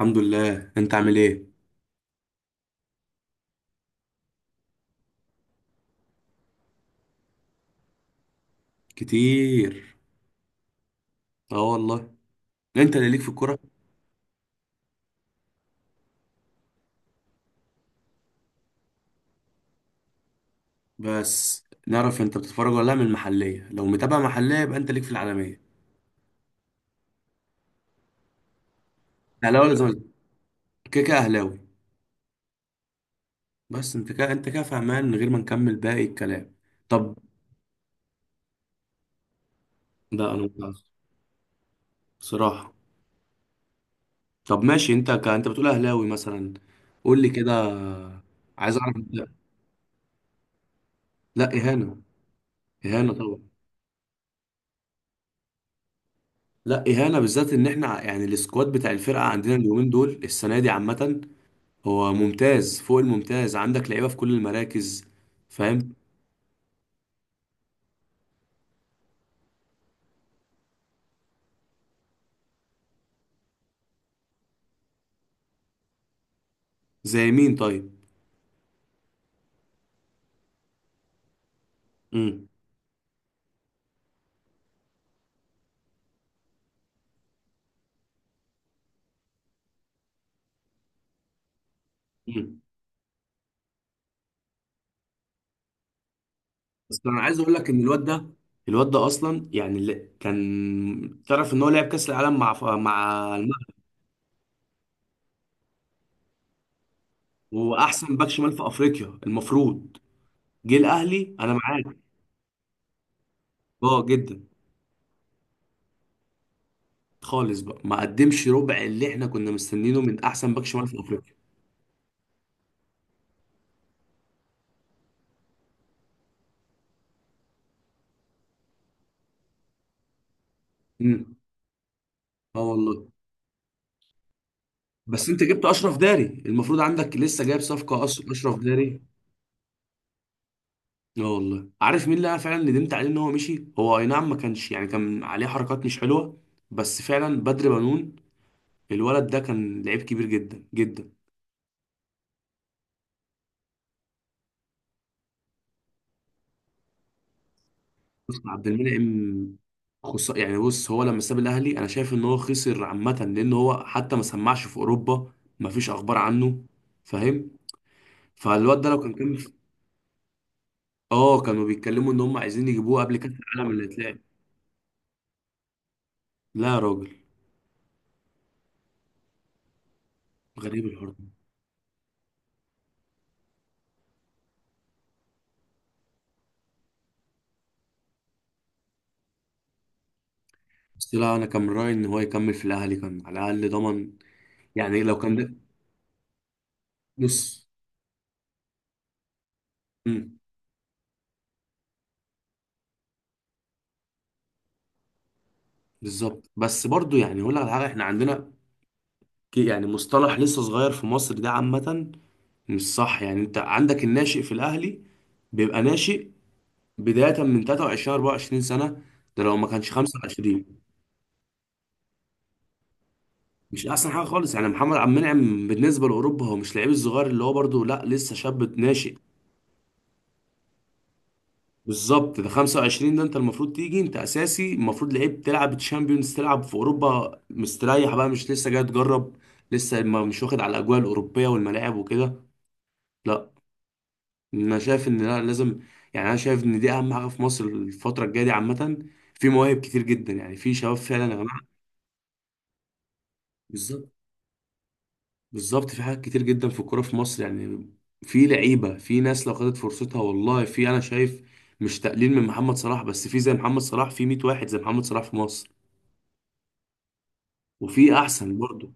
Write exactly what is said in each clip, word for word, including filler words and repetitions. الحمد لله. انت عامل ايه؟ كتير. اه والله. انت اللي ليك في الكوره. بس نعرف انت بتتفرج ولا لا؟ من المحليه لو متابع محليه يبقى انت ليك في العالميه. اهلاوي ولا زمالك؟ كده كده اهلاوي. بس انت كده انت كده فهمان من غير ما نكمل باقي الكلام. طب. ده انا متعصب بصراحه. طب ماشي، انت ك... انت بتقول اهلاوي مثلا. قول لي كده. عايز اعرف انت. لا اهانه. اهانه طبعا. لا اهانه، بالذات ان احنا يعني السكواد بتاع الفرقه عندنا اليومين دول السنه دي عامه. هو ممتاز فوق الممتاز، عندك لعيبه في كل المراكز. فاهم. زي مين طيب؟ امم. امم. بس انا عايز اقول لك ان الواد ده، الواد ده اصلا يعني اللي كان، تعرف ان هو لعب كاس العالم مع ف- مع المغرب. وهو احسن باك شمال في افريقيا المفروض. جه الاهلي انا معاك. اه جدا. خالص بقى، ما قدمش ربع اللي احنا كنا مستنينه من احسن باك شمال في افريقيا. امم. اه والله. بس انت جبت اشرف داري، المفروض عندك لسه جايب صفقه أش- اشرف داري. لا والله، عارف مين اللي انا فعلا ندمت عليه ان هو مشي؟ هو اي نعم ما كانش، يعني كان عليه حركات مش حلوه، بس فعلا بدر بنون. الولد ده كان لعيب كبير جدا جدا. بص، عبد المنعم، خص... يعني بص، هو لما ساب الاهلي انا شايف ان هو خسر عامه، لان هو حتى ما سمعش في اوروبا. ما فيش اخبار عنه. فاهم. فالواد ده لو كان، كان في- اه، كانوا بيتكلموا ان هم عايزين يجيبوه قبل كاس العالم اللي هيتلعب. لا يا راجل. غريب الحوار ده. بس لا، انا كان من رايي ان هو يكمل في الاهلي، كان على الاقل ضمن. يعني لو كان، بص. امم. بالظبط. بس برضو، يعني اقول لك على حاجه، احنا عندنا ك- يعني مصطلح لسه صغير في مصر ده عامه. مش صح. يعني انت عندك الناشئ في الاهلي بيبقى ناشئ بدايه من ثلاث وعشرين أربعة وعشرين سنه. ده لو ما كانش خمسة وعشرين. مش احسن حاجه خالص. يعني محمد عبد المنعم بالنسبه لاوروبا هو مش لعيب الصغير اللي هو برضو، لا، لسه شاب ناشئ. بالظبط. ده خمسة وعشرين، ده انت المفروض تيجي انت اساسي، المفروض لعيب تلعب تشامبيونز، تلعب في اوروبا مستريح بقى، مش لسه جاي تجرب. لسه ما مش واخد على الاجواء الاوروبيه والملاعب وكده. لا. انا شايف ان لا، لازم. يعني انا شايف ان دي اهم حاجه في مصر الفتره الجايه دي عامه. في مواهب كتير جدا، يعني في شباب فعلا يا جماعه. بالظبط. بالظبط، في حاجات كتير جدا في الكوره في مصر يعني. في لعيبه، في ناس لو خدت فرصتها والله، في، انا شايف، مش تقليل من محمد صلاح، بس في زي محمد صلاح، في مية واحد زي محمد صلاح في مصر. وفي احسن برضه.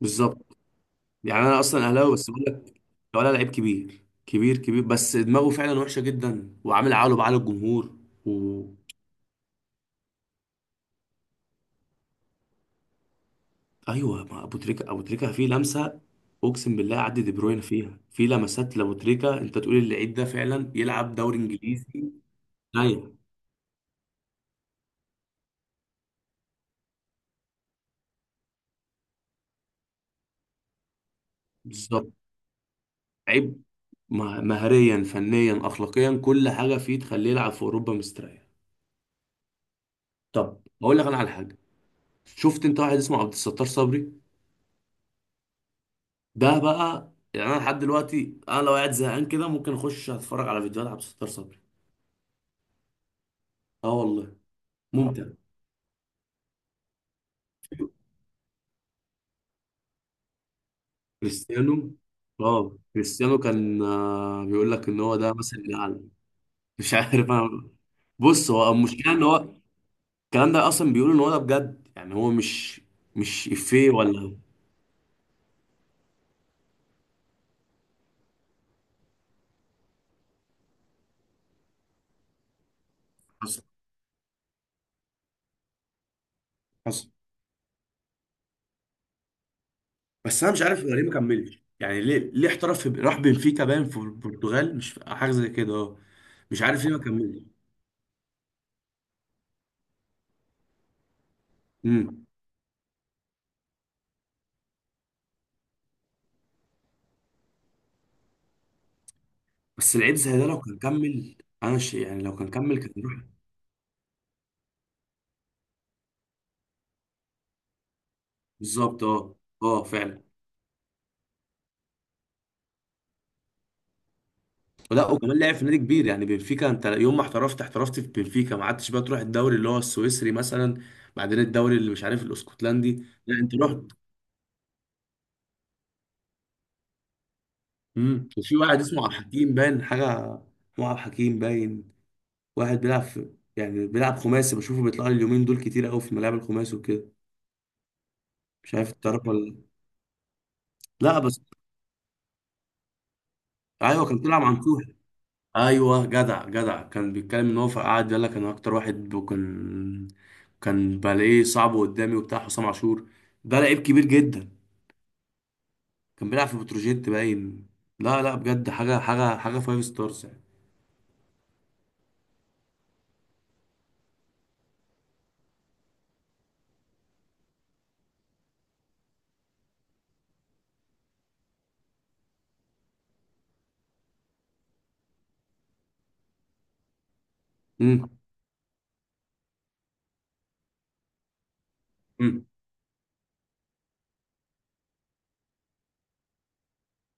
بالظبط. يعني انا اصلا اهلاوي بس بقول لك، لو انا لعيب كبير كبير كبير بس دماغه فعلا وحشه جدا وعامل عقله بعقل الجمهور. و ايوه، ما ابو تريكا ابو تريكا فيه لمسه. اقسم بالله، عدي دي بروين فيها، في لمسات لابو تريكا انت تقول اللعيب ده فعلا يلعب دوري انجليزي. ايوه. بالظبط. لعيب مه- مهريا فنيا اخلاقيا، كل حاجه فيه تخليه يلعب في اوروبا مستريح. طب اقول لك انا على حاجه. شفت انت واحد اسمه عبد الستار صبري؟ ده بقى، يعني انا لحد دلوقتي انا لو قاعد زهقان كده ممكن اخش اتفرج على فيديوهات عبد الستار صبري. اه والله. ممتع. كريستيانو. اه كريستيانو كان، آه، بيقول لك ان هو ده مثل الاعلى. مش عارف انا. بص، هو المشكله ان هو، الكلام ده اصلا بيقول ان هو ده بجد، يعني هو مش، مش افيه ولا. حصل. حصل. بس انا مش عارف هو ليه ما كملش، يعني ليه ليه احترف في، راح بنفيكا باين في البرتغال، مش في- حاجه زي كده، اه. مش عارف ليه ما كملش. امم. بس العيب زي ده لو كان كمل، انا شيء يعني لو كان كمل كان يروح. بالظبط. اه. اه فعلا. ولا وكمان لعب في نادي كبير، يعني بنفيكا. انت يوم ما احترفت، احترفت في بنفيكا، ما عدتش بقى تروح الدوري اللي هو السويسري مثلا. بعدين الدوري اللي مش عارف الاسكتلندي، لا انت رحت. امم. وفي واحد اسمه عبد الحكيم باين حاجه، اسمه عبد الحكيم باين. واحد بيلعب في، يعني بيلعب خماسي. بشوفه بيطلع لي اليومين دول كتير قوي في ملاعب الخماسي وكده. مش عارف تعرف ولا لا؟ بس ايوه، كان طلع مع، ايوه جدع جدع. كان بيتكلم ان هو، فقعد يقول لك انا اكتر واحد، وكان كان بلاقيه صعب قدامي وبتاع حسام عاشور. ده لعيب كبير جدا. كان بيلعب في بتروجيت باين. لا لا، بجد حاجه حاجه حاجه، فايف ستارز يعني. امم. امم.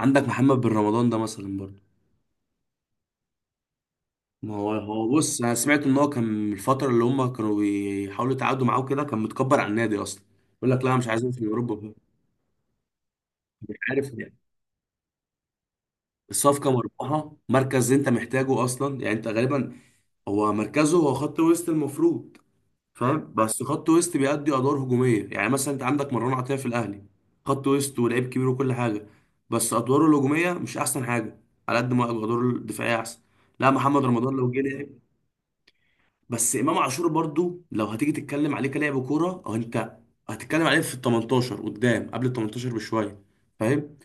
عندك محمد بن رمضان ده مثلا برضه. ما هو هو بص، انا سمعت ان هو كان من الفتره اللي هم كانوا بيحاولوا يتعاقدوا معاه كده، كان متكبر على النادي اصلا. يقول لك لا أنا مش عايزين في اوروبا. مش عارف يعني. الصفقه مربحه، مركز انت محتاجه اصلا. يعني انت غالبا، هو مركزه هو خط وسط المفروض. فاهم؟ بس خط وسط بيأدي ادوار هجوميه. يعني مثلا انت عندك مروان عطيه في الاهلي، خط وسط ولعيب كبير وكل حاجه، بس ادواره الهجوميه مش احسن حاجه، على قد ما ادواره الدفاعيه احسن. لا محمد رمضان لو جه لعب. بس امام عاشور برضو، لو هتيجي تتكلم عليه كلاعب كوره، او انت هتتكلم عليه في ال تمنتاشر قدام، قبل ال تمنتاشر بشويه. فاهم؟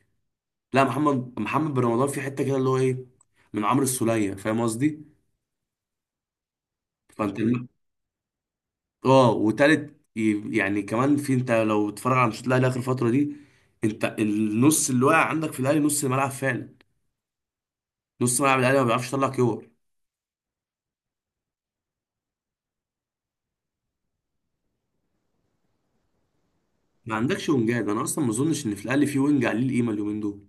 لا، محمد محمد بن رمضان في حته كده، اللي هو ايه، من عمرو السوليه، فاهم قصدي. فانت، اه، وتالت ي- يعني كمان، في انت لو تتفرج على ماتشات الاهلي اخر فتره دي، انت النص اللي واقع عندك في الاهلي، نص الملعب فعلا، نص ملعب الاهلي ما بيعرفش يطلع كور. ما عندكش وينجات، انا اصلا ما اظنش ان في الاهلي في وينج عليه القيمه اليومين دول.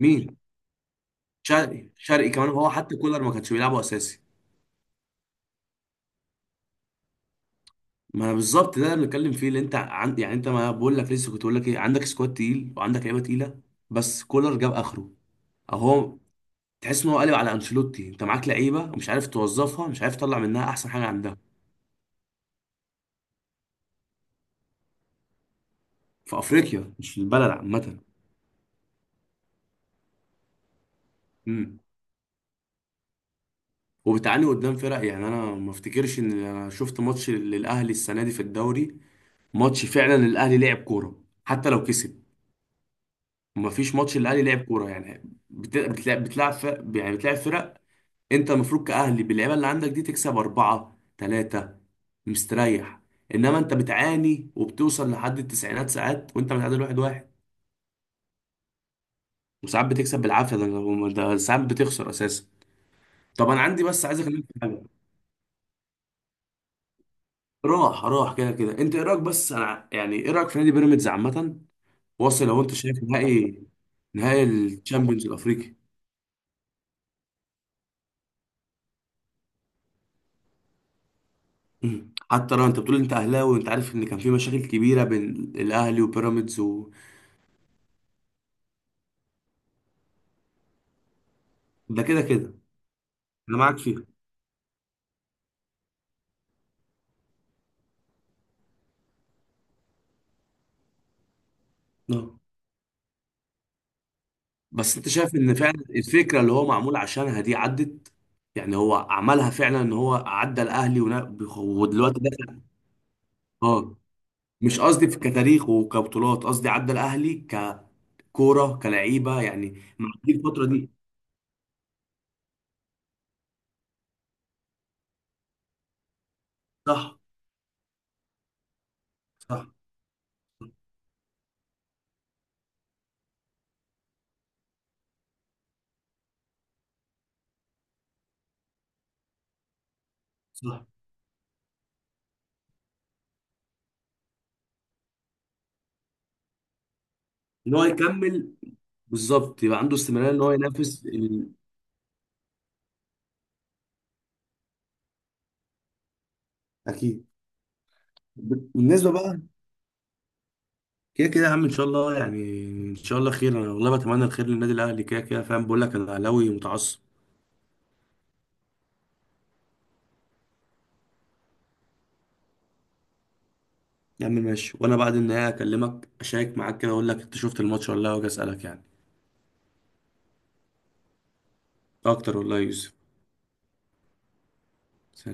مين؟ شرقي، شرقي كمان هو حتى كولر ما كانش بيلعبه اساسي. ما انا بالظبط، ده اللي بنتكلم فيه، اللي انت عند يعني انت، ما بقول لك لسه كنت بقول لك ايه، عندك سكواد تقيل وعندك لعيبه تقيله. بس كولر جاب اخره. اهو. تحس ان هو قلب على انشيلوتي، انت معاك لعيبه ومش عارف توظفها، مش عارف تطلع منها احسن حاجه عندها. في افريقيا مش في البلد عامه. امم. وبتعاني قدام فرق. يعني انا ما افتكرش ان انا شفت ماتش للاهلي السنه دي في الدوري، ماتش فعلا الاهلي لعب كوره حتى لو كسب. ما فيش ماتش الاهلي لعب كوره يعني. بت- بتلعب، بتلعب فرق يعني، بتلعب فرق. انت المفروض كاهلي باللعيبه اللي عندك دي تكسب أربعة ثلاثة مستريح. انما انت بتعاني، وبتوصل لحد التسعينات ساعات وانت متعادل واحد واحد، وساعات بتكسب بالعافيه ده. ده ساعات بتخسر اساسا. طب انا عندي، بس عايز اكلمك. راح راح كده كده. انت ايه رايك، بس انا يعني، ايه رايك في نادي بيراميدز عامه؟ واصل، لو انت شايف، نهائي، نهائي الشامبيونز الافريقي. مم. حتى لو انت بتقول انت اهلاوي، وانت عارف ان كان في مشاكل كبيره بين الاهلي وبيراميدز و... ده كده كده. انا معاك فيها. اه. بس انت شايف ان فعلا الفكره اللي هو معمول عشانها دي عدت؟ يعني هو عملها فعلا ان هو عدى الاهلي، ونا- ودلوقتي دخل؟ اه. مش قصدي في كتاريخ وكبطولات، قصدي عدى الاهلي ككوره كلعيبه يعني، معدي الفتره دي. صح. صح. صح. ان هو يكمل. بالظبط، يبقى عنده استمراريه ان هو ينافس ال... اكيد. ب- بالنسبه بقى، كده كده يا عم ان شاء الله يعني. ان شاء الله خير. انا والله بتمنى الخير للنادي الاهلي كده كده، فاهم، بقول لك انا اهلاوي متعصب. يا عم ماشي، وانا بعد النهايه اكلمك اشارك معاك كده، اقول لك انت شفت الماتش ولا لا؟ واجي اسالك يعني. اكتر والله يا يوسف. سلام.